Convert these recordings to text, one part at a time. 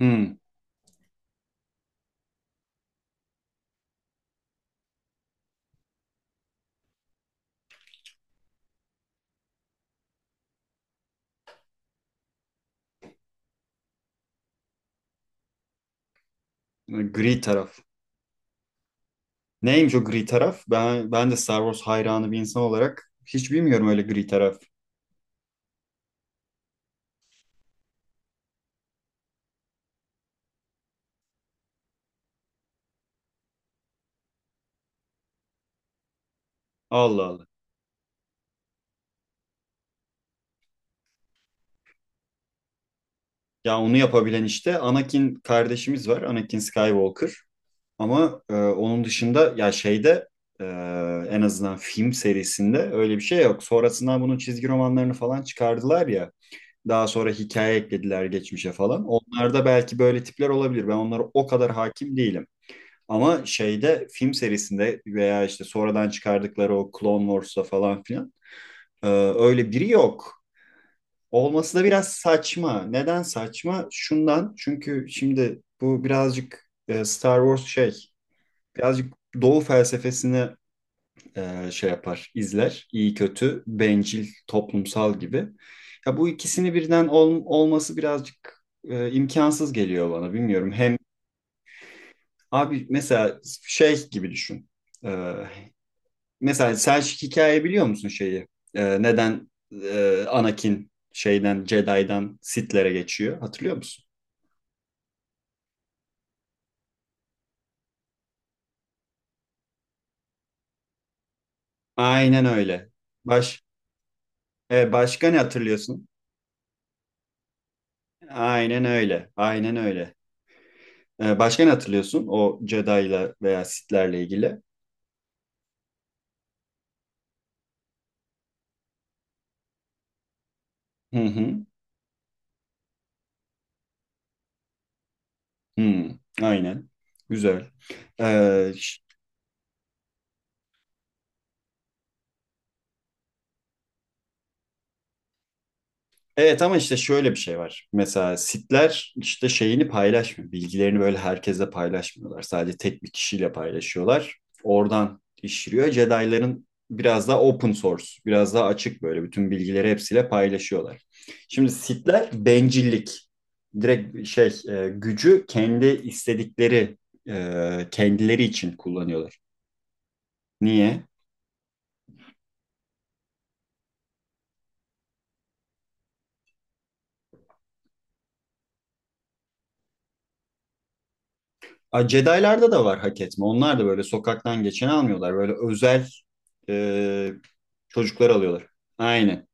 Hmm, gri taraf. Neymiş o gri taraf? Ben de Star Wars hayranı bir insan olarak hiç bilmiyorum öyle gri taraf. Allah Allah. Ya onu yapabilen işte Anakin kardeşimiz var. Anakin Skywalker. Ama onun dışında ya şeyde e, en azından film serisinde öyle bir şey yok. Sonrasında bunun çizgi romanlarını falan çıkardılar ya. Daha sonra hikaye eklediler geçmişe falan. Onlarda belki böyle tipler olabilir. Ben onlara o kadar hakim değilim. Ama şeyde film serisinde veya işte sonradan çıkardıkları o Clone Wars'ta falan filan e, öyle biri yok. Olması da biraz saçma. Neden saçma? Şundan çünkü şimdi bu birazcık Star Wars şey birazcık Doğu felsefesini şey yapar, izler. İyi kötü, bencil, toplumsal gibi. Ya bu ikisini birden olması birazcık imkansız geliyor bana. Bilmiyorum. Hem abi mesela şey gibi düşün. E, Mesela Selçuk hikaye biliyor musun şeyi? Neden Anakin şeyden Jedi'dan Sith'lere geçiyor? Hatırlıyor musun? Aynen öyle. Baş başka ne hatırlıyorsun? Aynen öyle. Aynen öyle. Başka ne hatırlıyorsun o Jedi'la veya Sith'lerle ilgili? Hı hı. Hı. Aynen. Güzel. Ee, Evet ama işte şöyle bir şey var. Mesela sitler işte şeyini paylaşmıyor. Bilgilerini böyle herkese paylaşmıyorlar. Sadece tek bir kişiyle paylaşıyorlar. Oradan işliyor. Jedi'ların biraz daha open source, biraz daha açık böyle bütün bilgileri hepsiyle paylaşıyorlar. Şimdi sitler bencillik. Direkt şey gücü kendi istedikleri kendileri için kullanıyorlar. Niye? Ay, Jedi'larda da var hak etme. Onlar da böyle sokaktan geçen almıyorlar. Böyle özel e, çocuklar alıyorlar. Aynen.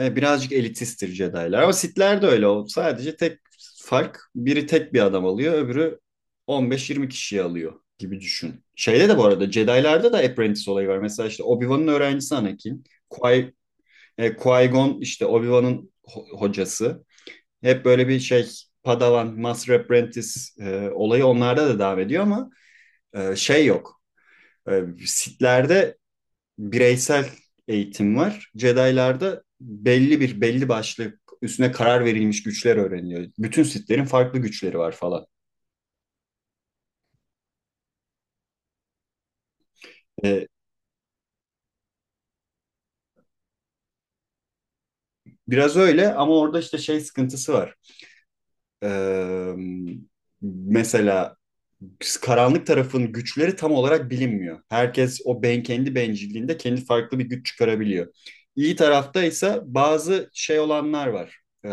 Birazcık elitisttir Jedi'lar. Ama Sith'ler de öyle. O sadece tek fark biri tek bir adam alıyor. Öbürü 15-20 kişiyi alıyor gibi düşün. Şeyde de bu arada Jedi'larda da Apprentice olayı var. Mesela işte Obi-Wan'ın öğrencisi Anakin. Qui, Qui-Gon işte Obi-Wan'ın hocası. Hep böyle bir şey Padawan, Master Apprentice olayı onlarda da devam ediyor ama şey yok. Sith'lerde bireysel eğitim var. Jedi'larda belli bir belli başlı üstüne karar verilmiş güçler öğreniliyor. Bütün Sith'lerin farklı güçleri var falan. E, biraz öyle ama orada işte şey sıkıntısı var. E, mesela karanlık tarafın güçleri tam olarak bilinmiyor. Herkes o ben kendi bencilliğinde kendi farklı bir güç çıkarabiliyor. İyi tarafta ise bazı şey olanlar var.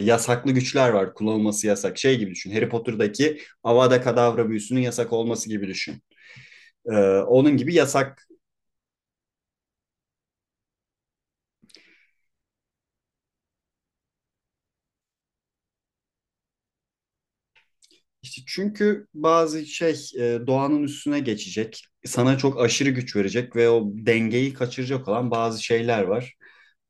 Yasaklı güçler var. Kullanılması yasak. Şey gibi düşün. Harry Potter'daki Avada Kedavra büyüsünün yasak olması gibi düşün. Ee, onun gibi yasak. İşte çünkü bazı şey doğanın üstüne geçecek. Sana çok aşırı güç verecek ve o dengeyi kaçıracak olan bazı şeyler var.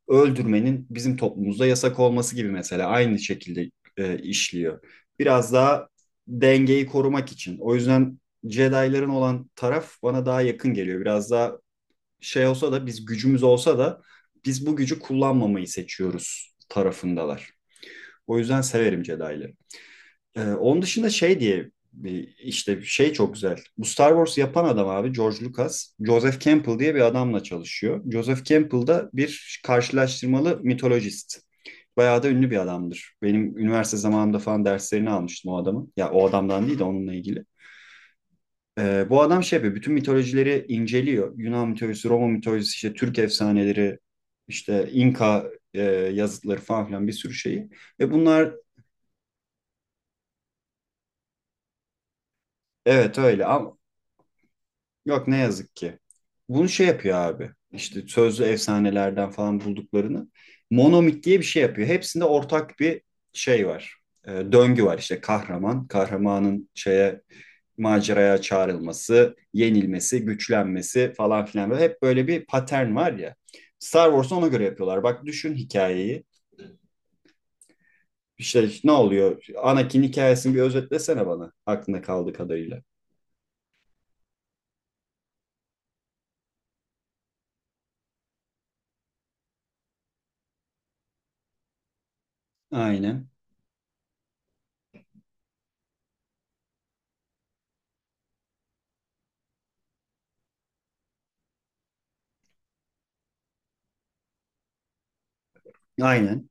Öldürmenin bizim toplumumuzda yasak olması gibi mesela aynı şekilde işliyor. Biraz daha dengeyi korumak için. O yüzden Jedi'ların olan taraf bana daha yakın geliyor. Biraz daha şey olsa da biz gücümüz olsa da biz bu gücü kullanmamayı seçiyoruz tarafındalar. O yüzden severim Jedi'ları. Onun dışında şey diye işte şey çok güzel. Bu Star Wars yapan adam abi George Lucas, Joseph Campbell diye bir adamla çalışıyor. Joseph Campbell da bir karşılaştırmalı mitolojist. Bayağı da ünlü bir adamdır. Benim üniversite zamanımda falan derslerini almıştım o adamın. Ya o adamdan değil de onunla ilgili. Bu adam şey yapıyor, bütün mitolojileri inceliyor. Yunan mitolojisi, Roma mitolojisi, işte Türk efsaneleri, işte İnka yazıtları falan filan bir sürü şeyi. Ve bunlar evet öyle ama yok ne yazık ki. Bunu şey yapıyor abi. İşte sözlü efsanelerden falan bulduklarını. Monomit diye bir şey yapıyor. Hepsinde ortak bir şey var. Döngü var işte kahraman. Kahramanın şeye maceraya çağrılması, yenilmesi, güçlenmesi falan filan. Böyle hep böyle bir patern var ya. Star Wars'u ona göre yapıyorlar. Bak düşün hikayeyi. İşte ne oluyor? Anakin hikayesini bir özetlesene bana. Aklında kaldığı kadarıyla. Aynen. Aynen.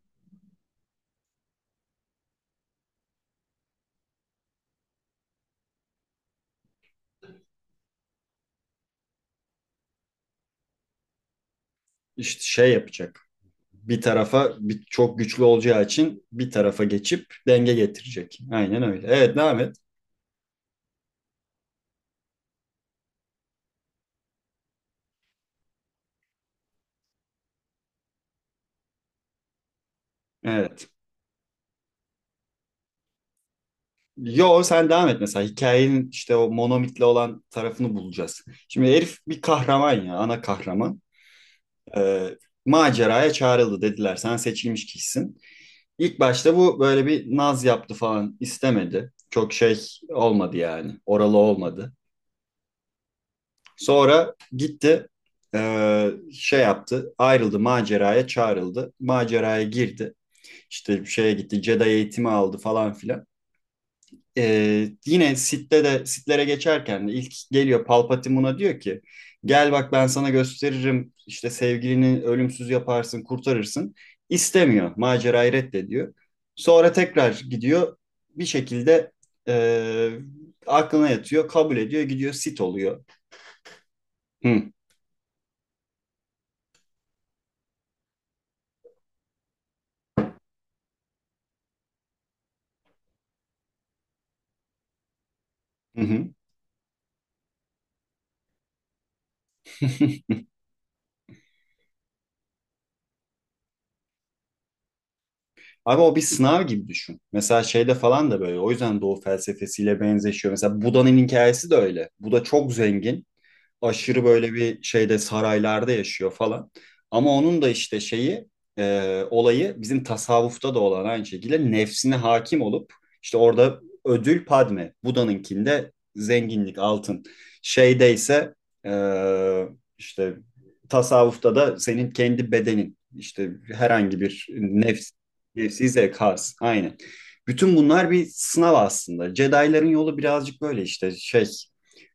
İşte şey yapacak. Bir tarafa bir, çok güçlü olacağı için bir tarafa geçip denge getirecek. Aynen öyle. Evet devam et. Evet. Yo sen devam et mesela hikayenin işte o monomitle olan tarafını bulacağız. Şimdi herif bir kahraman ya ana kahraman. Ee, maceraya çağrıldı dediler sen seçilmiş kişisin. İlk başta bu böyle bir naz yaptı falan istemedi. Çok şey olmadı yani oralı olmadı. Sonra gitti şey yaptı ayrıldı maceraya çağrıldı. Maceraya girdi işte şeye gitti Jedi eğitimi aldı falan filan. E, yine Sith'te de Sith'lere geçerken de ilk geliyor Palpatine buna diyor ki gel bak ben sana gösteririm işte sevgilini ölümsüz yaparsın kurtarırsın. İstemiyor macerayı reddediyor. Sonra tekrar gidiyor bir şekilde e, aklına yatıyor kabul ediyor gidiyor Sith oluyor. Hı, hı hı. Abi o bir sınav gibi düşün. Mesela şeyde falan da böyle. O yüzden Doğu felsefesiyle benzeşiyor. Mesela Buda'nın hikayesi de öyle. Buda çok zengin aşırı böyle bir şeyde saraylarda yaşıyor falan. Ama onun da işte şeyi olayı bizim tasavvufta da olan aynı şekilde nefsine hakim olup işte orada ödül Padme, Buda'nınkinde zenginlik, altın. Şeyde ise e, işte tasavvufta da senin kendi bedenin işte herhangi bir nefs, nefsi zevk has aynen. Bütün bunlar bir sınav aslında. Jedi'ların yolu birazcık böyle işte şey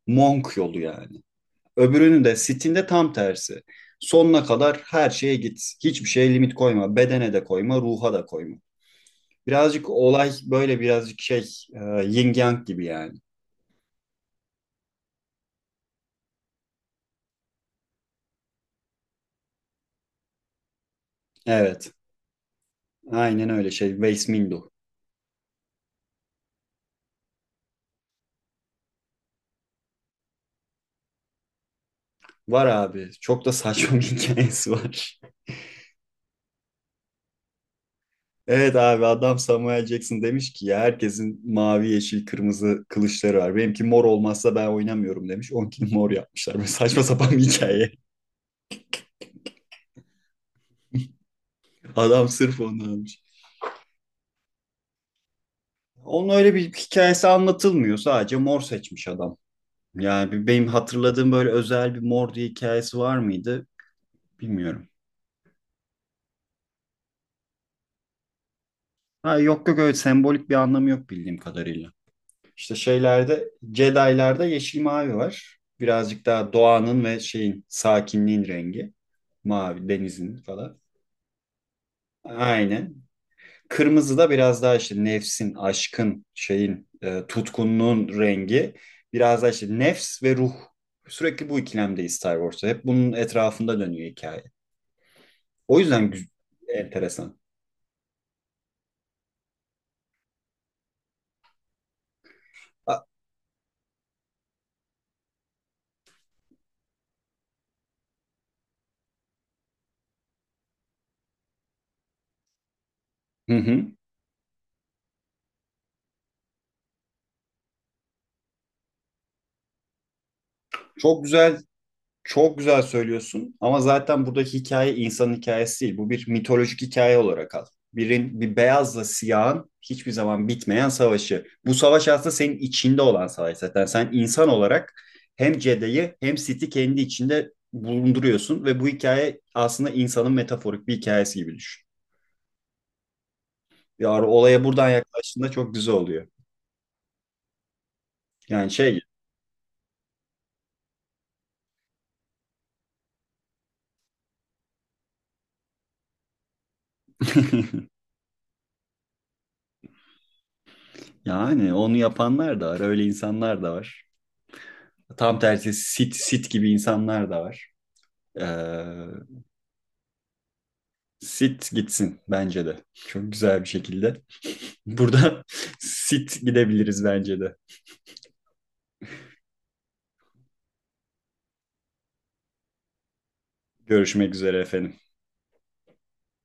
monk yolu yani. Öbürünün de Steam'de tam tersi. Sonuna kadar her şeye git. Hiçbir şeye limit koyma. Bedene de koyma, ruha da koyma. Birazcık olay böyle birazcık şey yin yang gibi yani. Evet. Aynen öyle şey. Waste Window. Var abi. Çok da saçma bir hikayesi var. Evet abi adam Samuel Jackson demiş ki ya herkesin mavi, yeşil, kırmızı kılıçları var. Benimki mor olmazsa ben oynamıyorum demiş. Onkini mor yapmışlar. Böyle saçma sapan bir hikaye. Adam sırf onu almış. Onun öyle bir hikayesi anlatılmıyor. Sadece mor seçmiş adam. Yani benim hatırladığım böyle özel bir mor diye hikayesi var mıydı bilmiyorum. Ha, yok yok öyle sembolik bir anlamı yok bildiğim kadarıyla. İşte şeylerde Jedi'larda yeşil mavi var. Birazcık daha doğanın ve şeyin sakinliğin rengi. Mavi denizin falan. Aynen. Kırmızı da biraz daha işte nefsin, aşkın, şeyin, tutkunluğun rengi. Biraz daha işte nefs ve ruh. Sürekli bu ikilemdeyiz Star Wars'ta. Hep bunun etrafında dönüyor hikaye. O yüzden enteresan. A- Hı hı. Çok güzel Çok güzel söylüyorsun ama zaten buradaki hikaye insanın hikayesi değil. Bu bir mitolojik hikaye olarak al. Bir beyazla siyahın hiçbir zaman bitmeyen savaşı. Bu savaş aslında senin içinde olan savaş zaten. Sen insan olarak hem Jedi'yi hem Sith'i kendi içinde bulunduruyorsun ve bu hikaye aslında insanın metaforik bir hikayesi gibi düşün. Ya olaya buradan yaklaştığında çok güzel oluyor. Yani şey yani onu yapanlar da var, öyle insanlar da var. Tam tersi Sith gibi insanlar da var. Ee, Sit gitsin bence de. Çok güzel bir şekilde. Burada sit gidebiliriz bence de. Görüşmek üzere efendim.